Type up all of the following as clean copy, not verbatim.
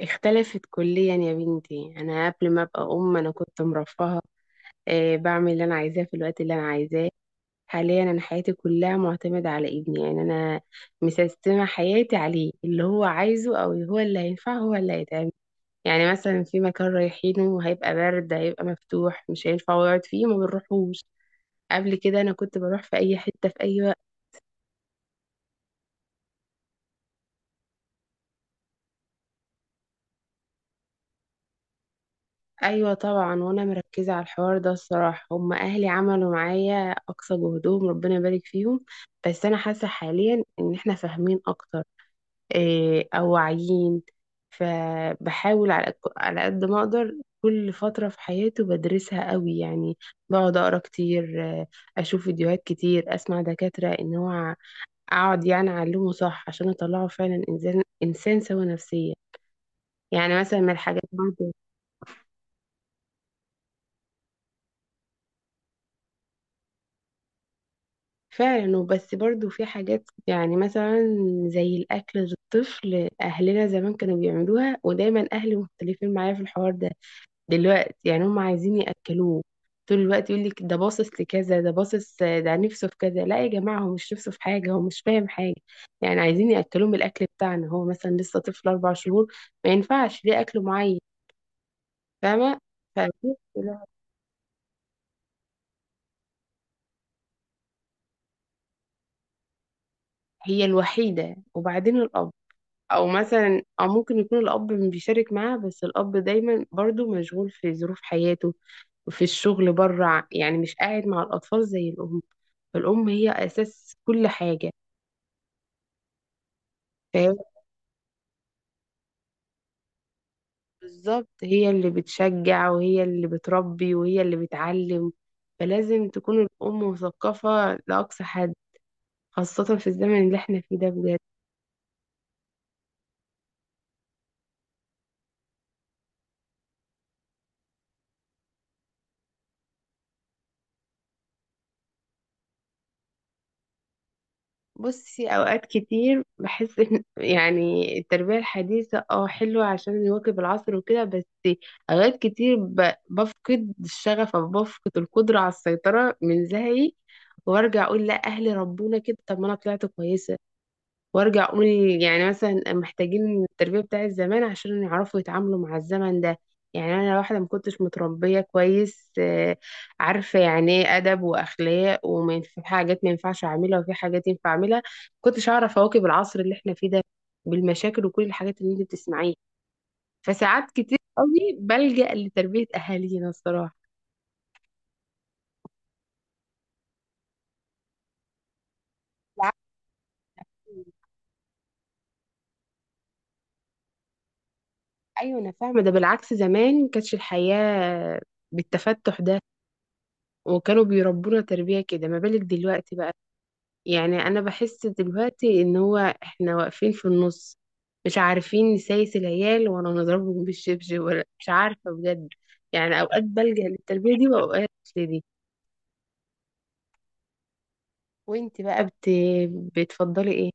اختلفت كليا يا بنتي. انا قبل ما ابقى ام انا كنت مرفهه. بعمل اللي انا عايزاه في الوقت اللي انا عايزاه. حاليا انا حياتي كلها معتمده على ابني، يعني انا مسيستمه حياتي عليه، اللي هو عايزه او هو اللي هينفع هو اللي هيتعمل. يعني مثلا في مكان رايحينه هيبقى برد، هيبقى مفتوح، مش هينفع يقعد فيه ما بنروحوش. قبل كده انا كنت بروح في اي حته في اي وقت. ايوه طبعا. وانا مركزه على الحوار ده الصراحه، هم اهلي عملوا معايا اقصى جهدهم، ربنا يبارك فيهم. بس انا حاسه حاليا ان احنا فاهمين اكتر، إيه، او واعيين. فبحاول على قد ما اقدر. كل فتره في حياتي بدرسها قوي، يعني بقعد اقرا كتير، اشوف فيديوهات كتير، اسمع دكاتره ان هو اقعد يعني اعلمه صح عشان اطلعه فعلا انسان، سوي نفسيا. يعني مثلا من الحاجات برضه. فعلا. وبس برضو في حاجات، يعني مثلا زي الأكل للطفل. أهلنا زمان كانوا بيعملوها، ودايما أهلي مختلفين معايا في الحوار ده. دلوقتي يعني هم عايزين يأكلوه طول الوقت. يقول لك ده باصص لكذا، ده باصص، ده نفسه في كذا. لا يا جماعة، هو مش نفسه في حاجة، هو مش فاهم حاجة. يعني عايزين يأكلوه من الأكل بتاعنا، هو مثلا لسه طفل 4 شهور، ما ينفعش ليه أكل معين. فاهمة. فهي الوحيدة، وبعدين الأب. او مثلا او ممكن يكون الاب بيشارك معاها، بس الاب دايما برضو مشغول في ظروف حياته وفي الشغل بره، يعني مش قاعد مع الاطفال زي الام. الام هي اساس كل حاجه. فهي بالظبط، هي اللي بتشجع وهي اللي بتربي وهي اللي بتعلم. فلازم تكون الام مثقفه لاقصى حد، خاصه في الزمن اللي احنا فيه ده بجد. بصي، اوقات كتير بحس ان يعني التربيه الحديثه اه حلوه عشان يواكب العصر وكده، بس اوقات كتير بفقد الشغف او بفقد القدره على السيطره من زهقي. وارجع اقول لا، اهلي ربونا كده، طب ما انا طلعت كويسه. وارجع اقول يعني مثلا محتاجين التربيه بتاعت زمان عشان يعرفوا يتعاملوا مع الزمن ده. يعني انا واحده ما كنتش متربيه كويس، عارفه يعني ايه ادب واخلاق، ومن في حاجات ما ينفعش اعملها وفي حاجات ينفع اعملها. كنتش اعرف اواكب العصر اللي احنا فيه ده بالمشاكل وكل الحاجات اللي انت بتسمعيها. فساعات كتير قوي بلجأ لتربيه اهالينا الصراحه. بالعكس- ايوه انا فاهمه ده. بالعكس زمان ما كانتش الحياه بالتفتح ده، وكانوا بيربونا تربية كده، ما بالك دلوقتي بقى. يعني أنا بحس دلوقتي إن هو إحنا واقفين في النص، مش عارفين نسايس العيال ولا نضربهم بالشبشب ولا مش عارفة بجد. يعني أوقات بلجأ للتربية دي وأوقات لدي. وإنت بقى بت... بتفضلي إيه؟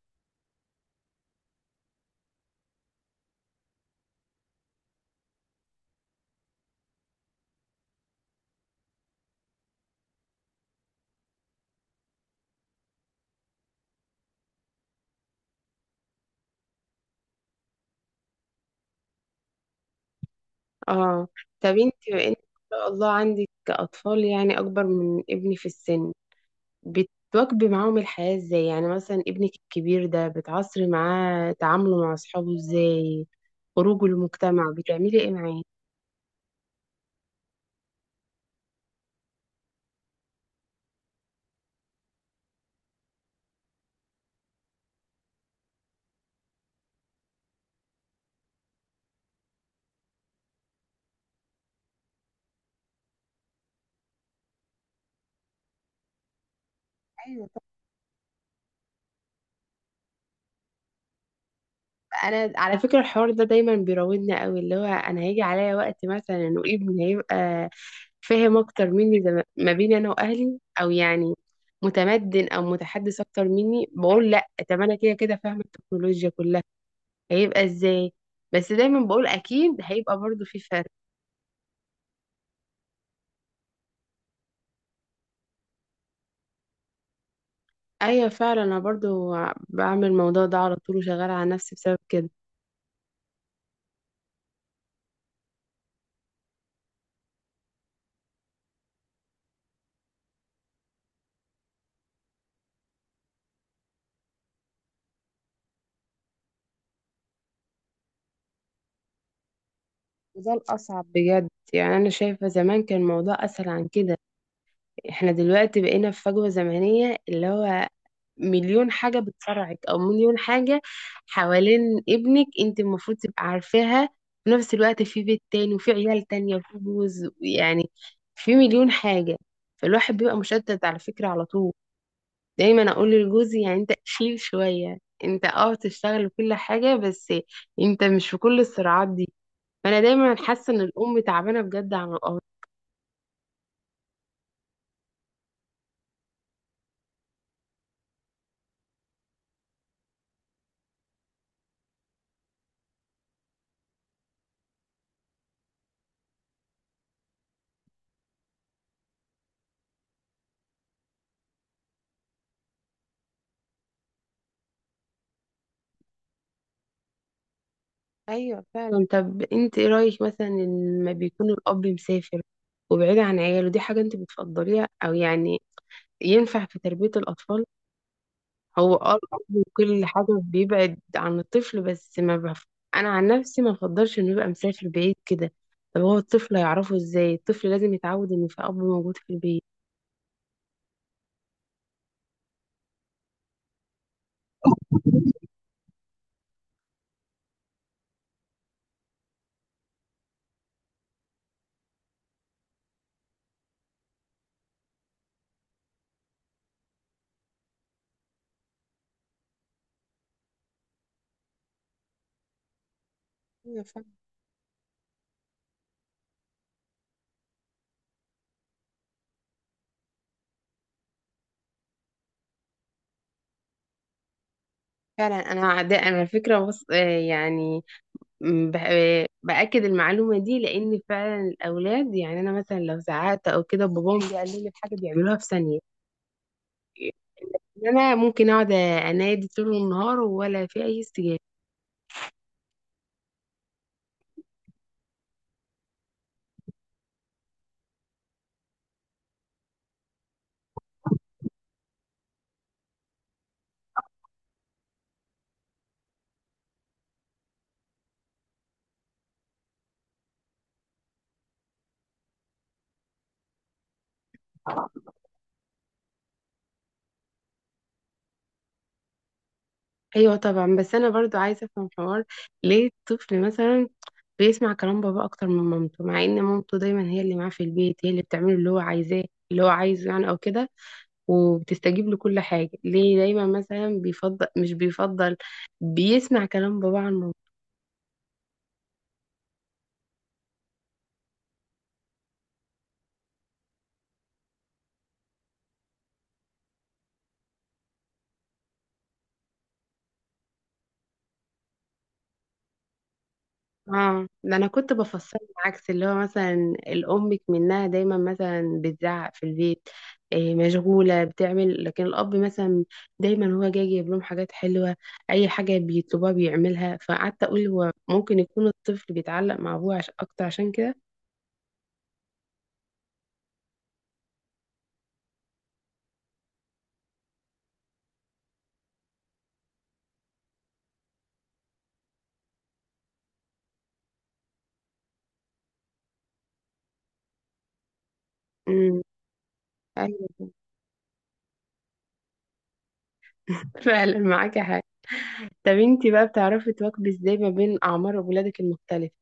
آه. طب إنت بما إنك ما شاء الله عندك أطفال يعني أكبر من ابني في السن، بتواكبي معاهم الحياة إزاي؟ يعني مثلا ابنك الكبير ده بتعصري معاه تعامله مع أصحابه إزاي؟ خروج المجتمع بتعملي ايه معاه؟ ايوه. طب انا على فكره الحوار ده دايما بيراودنا قوي، اللي هو انا هيجي عليا وقت مثلا وابني هيبقى فاهم اكتر مني، زي ما بيني انا واهلي، او يعني متمدن او متحدث اكتر مني. بقول لا، طب انا كده كده فاهمه التكنولوجيا كلها، هيبقى ازاي؟ بس دايما بقول اكيد هيبقى برضو في فرق. ايوه فعلا. انا برضو بعمل الموضوع ده على طول، وشغاله على نفسي بسبب كده. وده الاصعب بجد، يعني انا شايفه زمان كان الموضوع اسهل عن كده. احنا دلوقتي بقينا في فجوة زمنية، اللي هو مليون حاجة بتصارعك، او مليون حاجة حوالين ابنك انت المفروض تبقى عارفاها. في نفس الوقت في بيت تاني، وفي عيال تانية، وفي جوز، يعني في مليون حاجة. فالواحد بيبقى مشتت على فكرة على طول. دايما اقول لجوزي، يعني انت شيل شوية، انت اه تشتغل وكل حاجة بس، انت مش في كل الصراعات دي. فانا دايما حاسة ان الام تعبانة بجد عن الاب. ايوه فعلا. طب انت ايه رايك مثلا إن لما بيكون الاب مسافر وبعيد عن عياله، دي حاجه انت بتفضليها، او يعني ينفع في تربيه الاطفال؟ هو اه الاب وكل حاجه بيبعد عن الطفل، بس ما بف... انا عن نفسي ما بفضلش انه يبقى مسافر بعيد كده. طب هو الطفل هيعرفه ازاي؟ الطفل لازم يتعود ان في اب موجود في البيت. أيوة فعلا. فعلا انا على فكره بص... آه يعني م، ب- بأكد المعلومة دي، لأن فعلا الأولاد، يعني أنا مثلا لو زعقت أو كده، باباهم بيقلل لي حاجة بيعملوها في ثانية. أنا ممكن أقعد أنادي طول النهار ولا في أي استجابة. أيوة طبعا. بس أنا برضو عايزة أفهم حوار. ليه الطفل مثلا بيسمع كلام بابا أكتر من مامته، مع إن مامته دايما هي اللي معاه في البيت، هي اللي بتعمله اللي هو عايزاه، اللي هو عايزه يعني أو كده، وبتستجيب له كل حاجة. ليه دايما مثلا بيفضل مش بيفضل بيسمع كلام بابا عن مامته؟ اه، ده انا كنت بفصل عكس اللي هو مثلا الام منها دايما مثلا بتزعق في البيت، إيه مشغوله بتعمل، لكن الاب مثلا دايما هو جاي يجيب لهم حاجات حلوه، اي حاجه بيطلبوها بيعملها. فقعدت اقول هو ممكن يكون الطفل بيتعلق مع ابوه اكتر عشان كده. امم، ايوه. فعلا معاكي حاجه. طب انتي بقى بتعرفي تواكبي ازاي ما بين اعمار ولادك المختلفه؟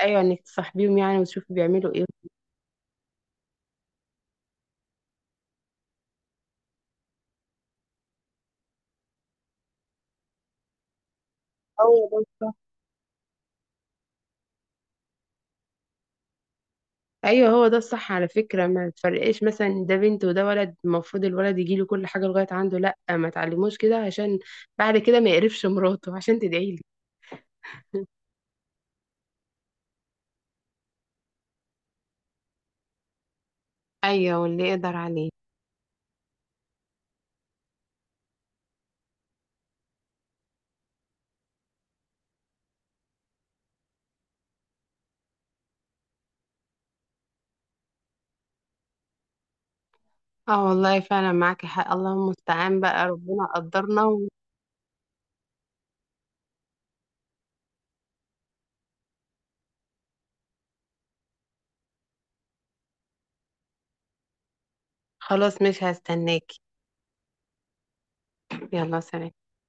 ايوه، انك تصاحبيهم يعني وتشوفي بيعملوا ايه. أيوة. ايوه هو ده الصح على فكره، ما تفرقش مثلا ده بنت وده ولد المفروض الولد يجي له كل حاجه لغايه عنده. لا، ما تعلموش كده عشان بعد كده ما يقرفش مراته عشان تدعي لي. ايوه واللي يقدر عليه. اه والله فعلا معاكي حق، اللهم المستعان بقى ربنا قدرنا. وخلاص مش هستناكي. يلا سلام.